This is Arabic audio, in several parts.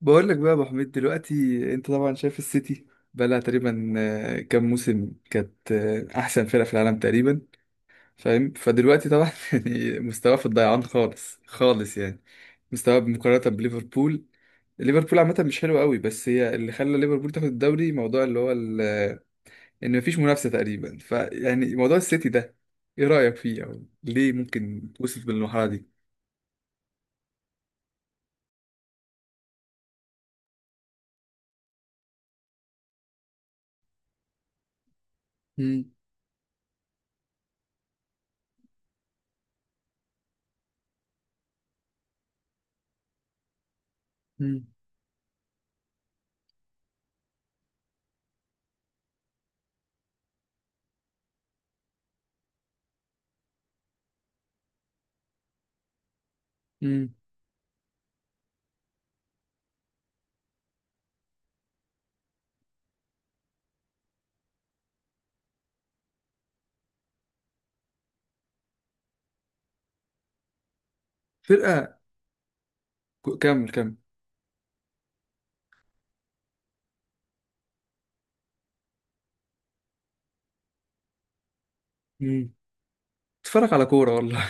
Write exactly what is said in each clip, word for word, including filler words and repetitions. بقول لك بقى يا ابو حميد دلوقتي، انت طبعا شايف السيتي بقى لها تقريبا آه، كام موسم كانت آه، احسن فرقه في العالم تقريبا. فاهم؟ فدلوقتي طبعا يعني مستواه في الضيعان خالص خالص، يعني مستواه مقارنه بليفربول. ليفربول عامه مش حلو قوي، بس هي اللي خلى ليفربول تاخد الدوري. موضوع اللي هو ال- آه، ان مفيش منافسه تقريبا، فيعني موضوع السيتي ده ايه رايك فيه؟ او ليه ممكن توصل بالمرحله دي؟ مم. مم. مم. فرقه. كمل كمل. اتفرج على كورة والله.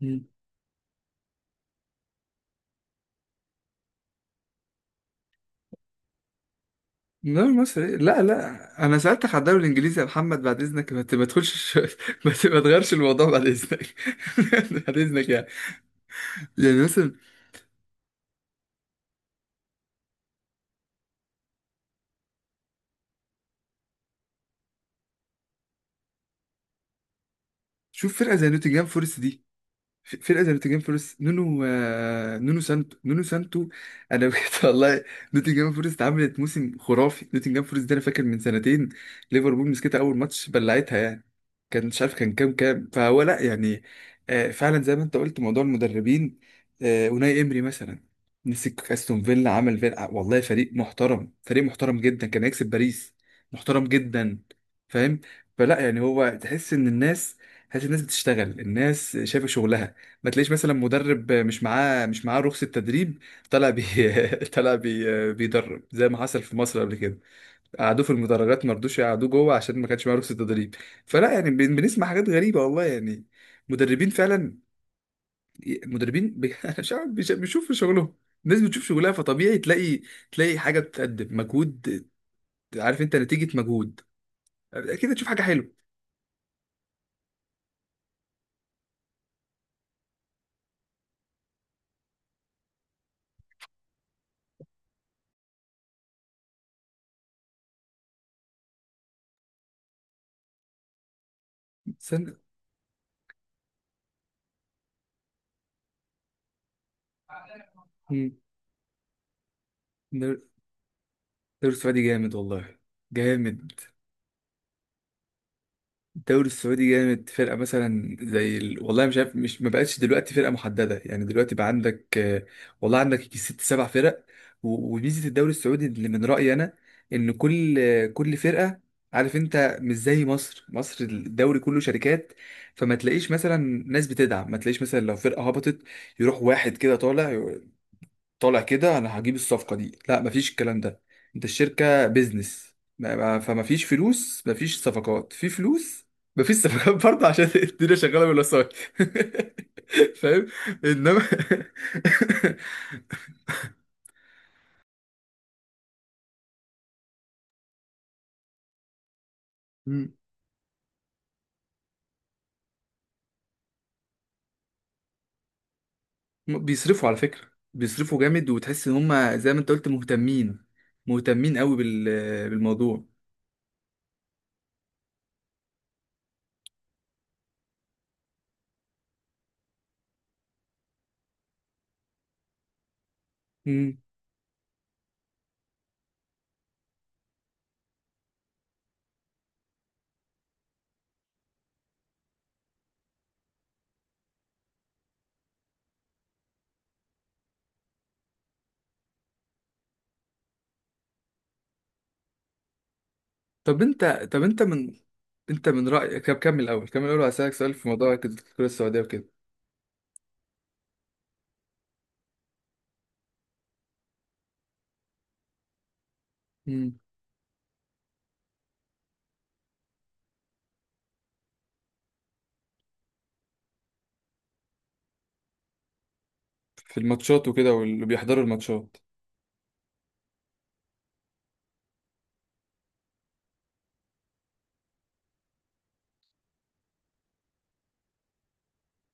مم. الدوري المصري، لا لا انا سألتك على الدوري الانجليزي يا محمد، بعد اذنك ما ت- ما تدخلش، ما ت- ما تغيرش الموضوع بعد اذنك. بعد اذنك يعني. يعني مثلا شوف فرقة زي نوتنجهام فورست دي. في- فرقة زي نوتنجهام فورست، نونو آه، نونو سانتو، نونو سانتو. انا بجد والله. نوتنجهام فورست عملت موسم خرافي. نوتنجهام فورست ده انا فاكر من سنتين ليفربول مسكتها اول ماتش بلعتها يعني. كان مش عارف كان كام كام فهو، لا يعني. آه، فعلا زي ما انت قلت موضوع المدربين. آه، اوناي امري مثلا مسك استون فيلا، عمل فيلا آه، والله فريق محترم، فريق محترم جدا، كان هيكسب باريس. محترم جدا. فاهم؟ فلا يعني، هو تحس ان الناس، تحس الناس بتشتغل، الناس شايفه شغلها. ما تلاقيش مثلا مدرب مش معاه مش معاه رخصة تدريب. طلع بي طلع بي بيدرب زي ما حصل في مصر قبل كده. قعدوه في المدرجات، ما رضوش يقعدوه جوه عشان ما كانش معاه رخصة تدريب. فلا يعني بن- بنسمع حاجات غريبة والله يعني، مدربين فعلا. مدربين بي... أنا مش عارف بيش- بيشوفوا شغلهم. الناس بتشوف شغلها، فطبيعي تلاقي، تلاقي حاجة بتقدم مجهود. عارف انت نتيجة مجهود، اكيد هتشوف حاجة حلوة. استنى. مم. الدوري السعودي جامد والله. جامد. الدوري السعودي جامد. فرقة مثلا زي ال... والله مش عارف، مش ما بقتش دلوقتي فرقة محددة، يعني دلوقتي بقى عندك آه، والله عندك يجي ست سبع فرق. و- وميزة الدوري السعودي اللي من رأيي أنا، إن كل آه، كل فرقة، عارف أنت، مش زي مصر. مصر الدوري كله شركات، فما تلاقيش مثلا ناس بتدعم، ما تلاقيش مثلا لو فرقة هبطت يروح واحد كده طالع، طالع كده انا هجيب الصفقه دي، لا مفيش الكلام ده. انت الشركه بيزنس، ما- ما- فمفيش فلوس، مفيش صفقات في فلوس، مفيش صفقات برضه عشان الدنيا شغاله بالوسائط. فاهم؟ انما مم. بيصرفوا على فكره، بيصرفوا جامد، وتحس ان هم زي ما انت قلت مهتمين، مهتمين قوي بال... بالموضوع. مم. طب انت طب انت من انت من رايك، طب كمل الاول، كمل الاول، وهسالك سؤال في موضوع الكره السعوديه وكده. في الماتشات وكده واللي بيحضروا الماتشات.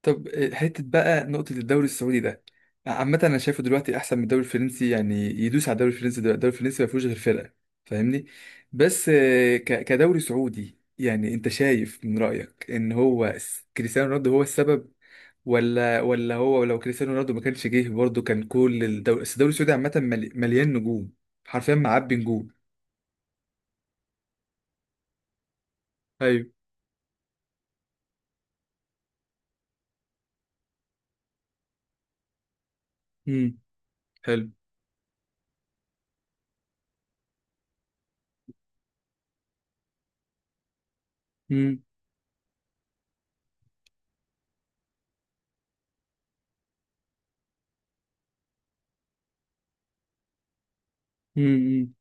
طب آه، حتة بقى نقطة الدوري السعودي ده، عامة أنا شايفه دلوقتي أحسن من الدوري الفرنسي، يعني يدوس على الدوري الفرنسي. دلوقتي الدوري الفرنسي ما فيهوش غير فرقة، فاهمني؟ بس آه، ك- كدوري سعودي يعني، أنت شايف من رأيك إن هو س- كريستيانو رونالدو هو السبب ولا؟ ولا هو لو كريستيانو رونالدو ما كانش جه برضه، كان كل الدوري، بس الدوري السعودي عامة ملي- مليان نجوم، حرفيا معبي نجوم. أيوه. امم. حلو. امم.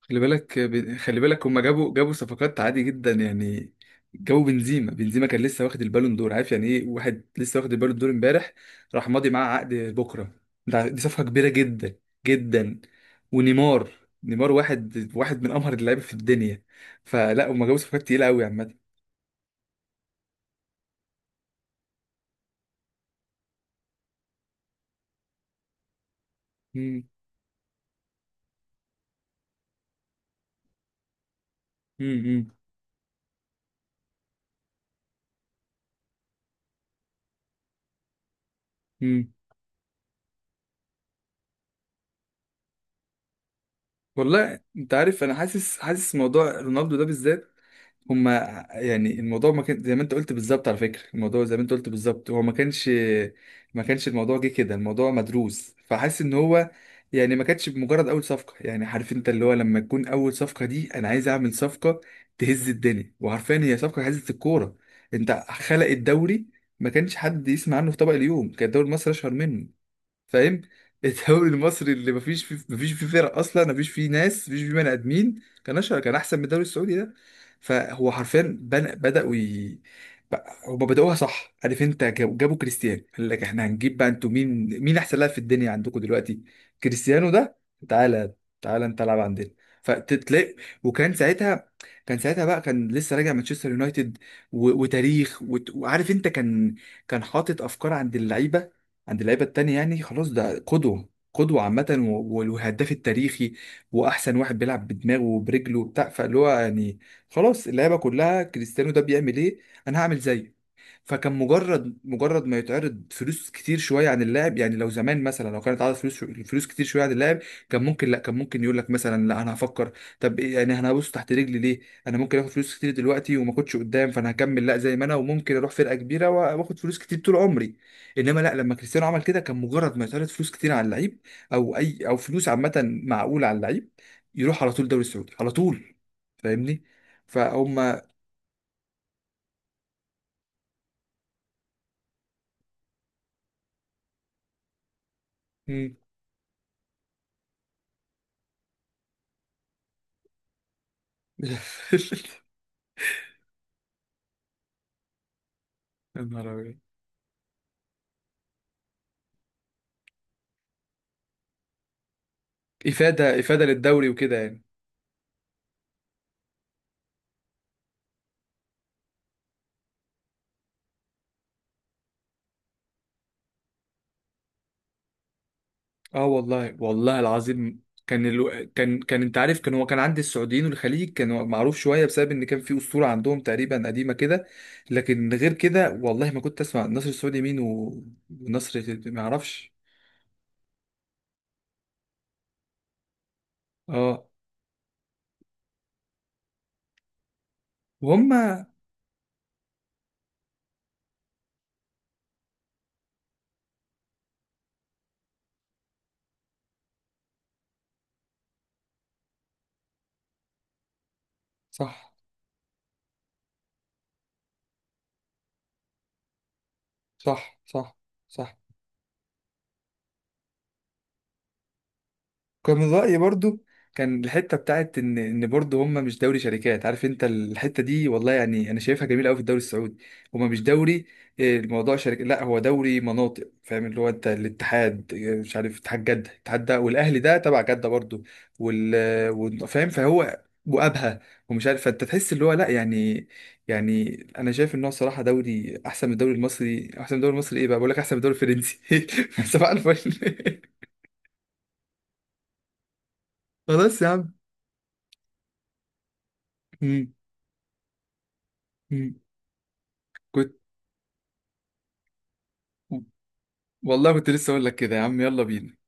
خلي بالك ب- خلي بالك، هما جابوا جابوا صفقات عادي جدا يعني. جابوا بنزيما، بنزيما كان لسه واخد البالون دور. عارف يعني ايه واحد لسه واخد البالون دور امبارح راح ماضي معاه عقد بكره؟ ده دي صفقه كبيره جدا، جدا. ونيمار، نيمار واحد واحد من امهر اللعيبه في الدنيا. فلا هما جابوا صفقات تقيله قوي عامه. مم، مم، مم، مم. والله انت عارف، انا حاسس، حاسس موضوع رونالدو ده بالذات، هما، يعني الموضوع ما كان زي ما انت قلت بالظبط. على فكرة الموضوع زي ما انت قلت بالظبط، هو ما كانش ما كانش الموضوع جه كده، الموضوع مدروس. فحاسس ان هو يعني ما كانتش بمجرد اول صفقة. يعني عارف انت اللي هو لما تكون اول صفقة دي، انا عايز اعمل صفقة تهز الدنيا، وعارفين هي صفقة هزت الكورة. انت خلق الدوري. ما كانش حد يسمع عنه في طبق اليوم، كان الدوري المصري اشهر منه. فاهم؟ الدوري المصري اللي مفيش فيه مفيش فيه فرق اصلا، مفيش فيه ناس، مفيش فيه بني ادمين، كان اشهر، كان احسن من الدوري السعودي ده. فهو حرفيا بن- بداوا ي... هما بدأوها صح. عارف انت، جاب- جابوا كريستيانو، قال لك احنا هنجيب بقى. انتوا مين؟ مين احسن لاعب في الدنيا عندكم دلوقتي؟ كريستيانو ده. تعالى، تعالى انت العب عندنا. فتلاقي، وكان ساعتها، كان ساعتها بقى كان لسه راجع مانشستر يونايتد و... وتاريخ وت... وعارف انت، كان كان حاطط افكار عند اللعيبه، عند اللعيبه التانية، يعني خلاص ده قدوه، قدوه عامه و- والهداف التاريخي واحسن واحد بيلعب بدماغه وبرجله وبتاع، فاللي هو يعني خلاص اللعيبه كلها، كريستيانو ده بيعمل ايه؟ انا هعمل زيه. فكان مجرد مجرد ما يتعرض فلوس كتير شويه عن اللاعب. يعني لو زمان مثلا لو كانت عرض فلوس فلوس كتير شويه عن اللاعب، كان ممكن لا، كان ممكن يقول لك مثلا لا انا هفكر، طب إيه يعني انا هبص تحت رجلي ليه؟ انا ممكن اخد فلوس كتير دلوقتي وما اخدش قدام، فانا هكمل لا زي ما انا، وممكن اروح فرقه كبيره وأ- واخد فلوس كتير طول عمري. انما لا، لما كريستيانو عمل كده، كان مجرد ما يتعرض فلوس كتير على اللعيب او اي، او فلوس عامه معقوله على اللعيب، يروح على طول الدوري السعودي على طول. فاهمني؟ فهم. مم. يا نهار أبيض. افاده، افاده للدوري وكده يعني. اه والله، والله العظيم، كان الو... كان كان انت عارف، كان هو كان عند السعوديين والخليج كان هو معروف شويه، بسبب ان كان في اسطوره عندهم تقريبا قديمه كده. لكن غير كده والله ما كنت اسمع النصر السعودي مين و... والنصر ما اعرفش. اه. وهم. صح. صح. صح. صح. كان من رأيي برضو، كان الحتة بتاعت إن إن برضو هما مش دوري شركات. عارف أنت الحتة دي والله يعني، أنا شايفها جميلة أوي في الدوري السعودي. هما مش دوري، آه، الموضوع شركة، لا هو دوري مناطق. فاهم اللي هو؟ أنت الاتحاد آه، مش عارف، اتحاد جدة، اتحاد ده والأهلي ده تبع جدة برضو، وال آه، وال- فاهم؟ فهو وأبها ومش عارف. فأنت تحس اللي هو، لا يعني. يعني أنا شايف إن هو صراحة دوري أحسن من الدوري المصري، أحسن من الدوري المصري إيه بقى، بقول لك أحسن من الدوري الفرنسي. صباح الفل. خلاص يا عم. مم. كنت، والله كنت لسه اقول لك كده يا عم، يلا بينا.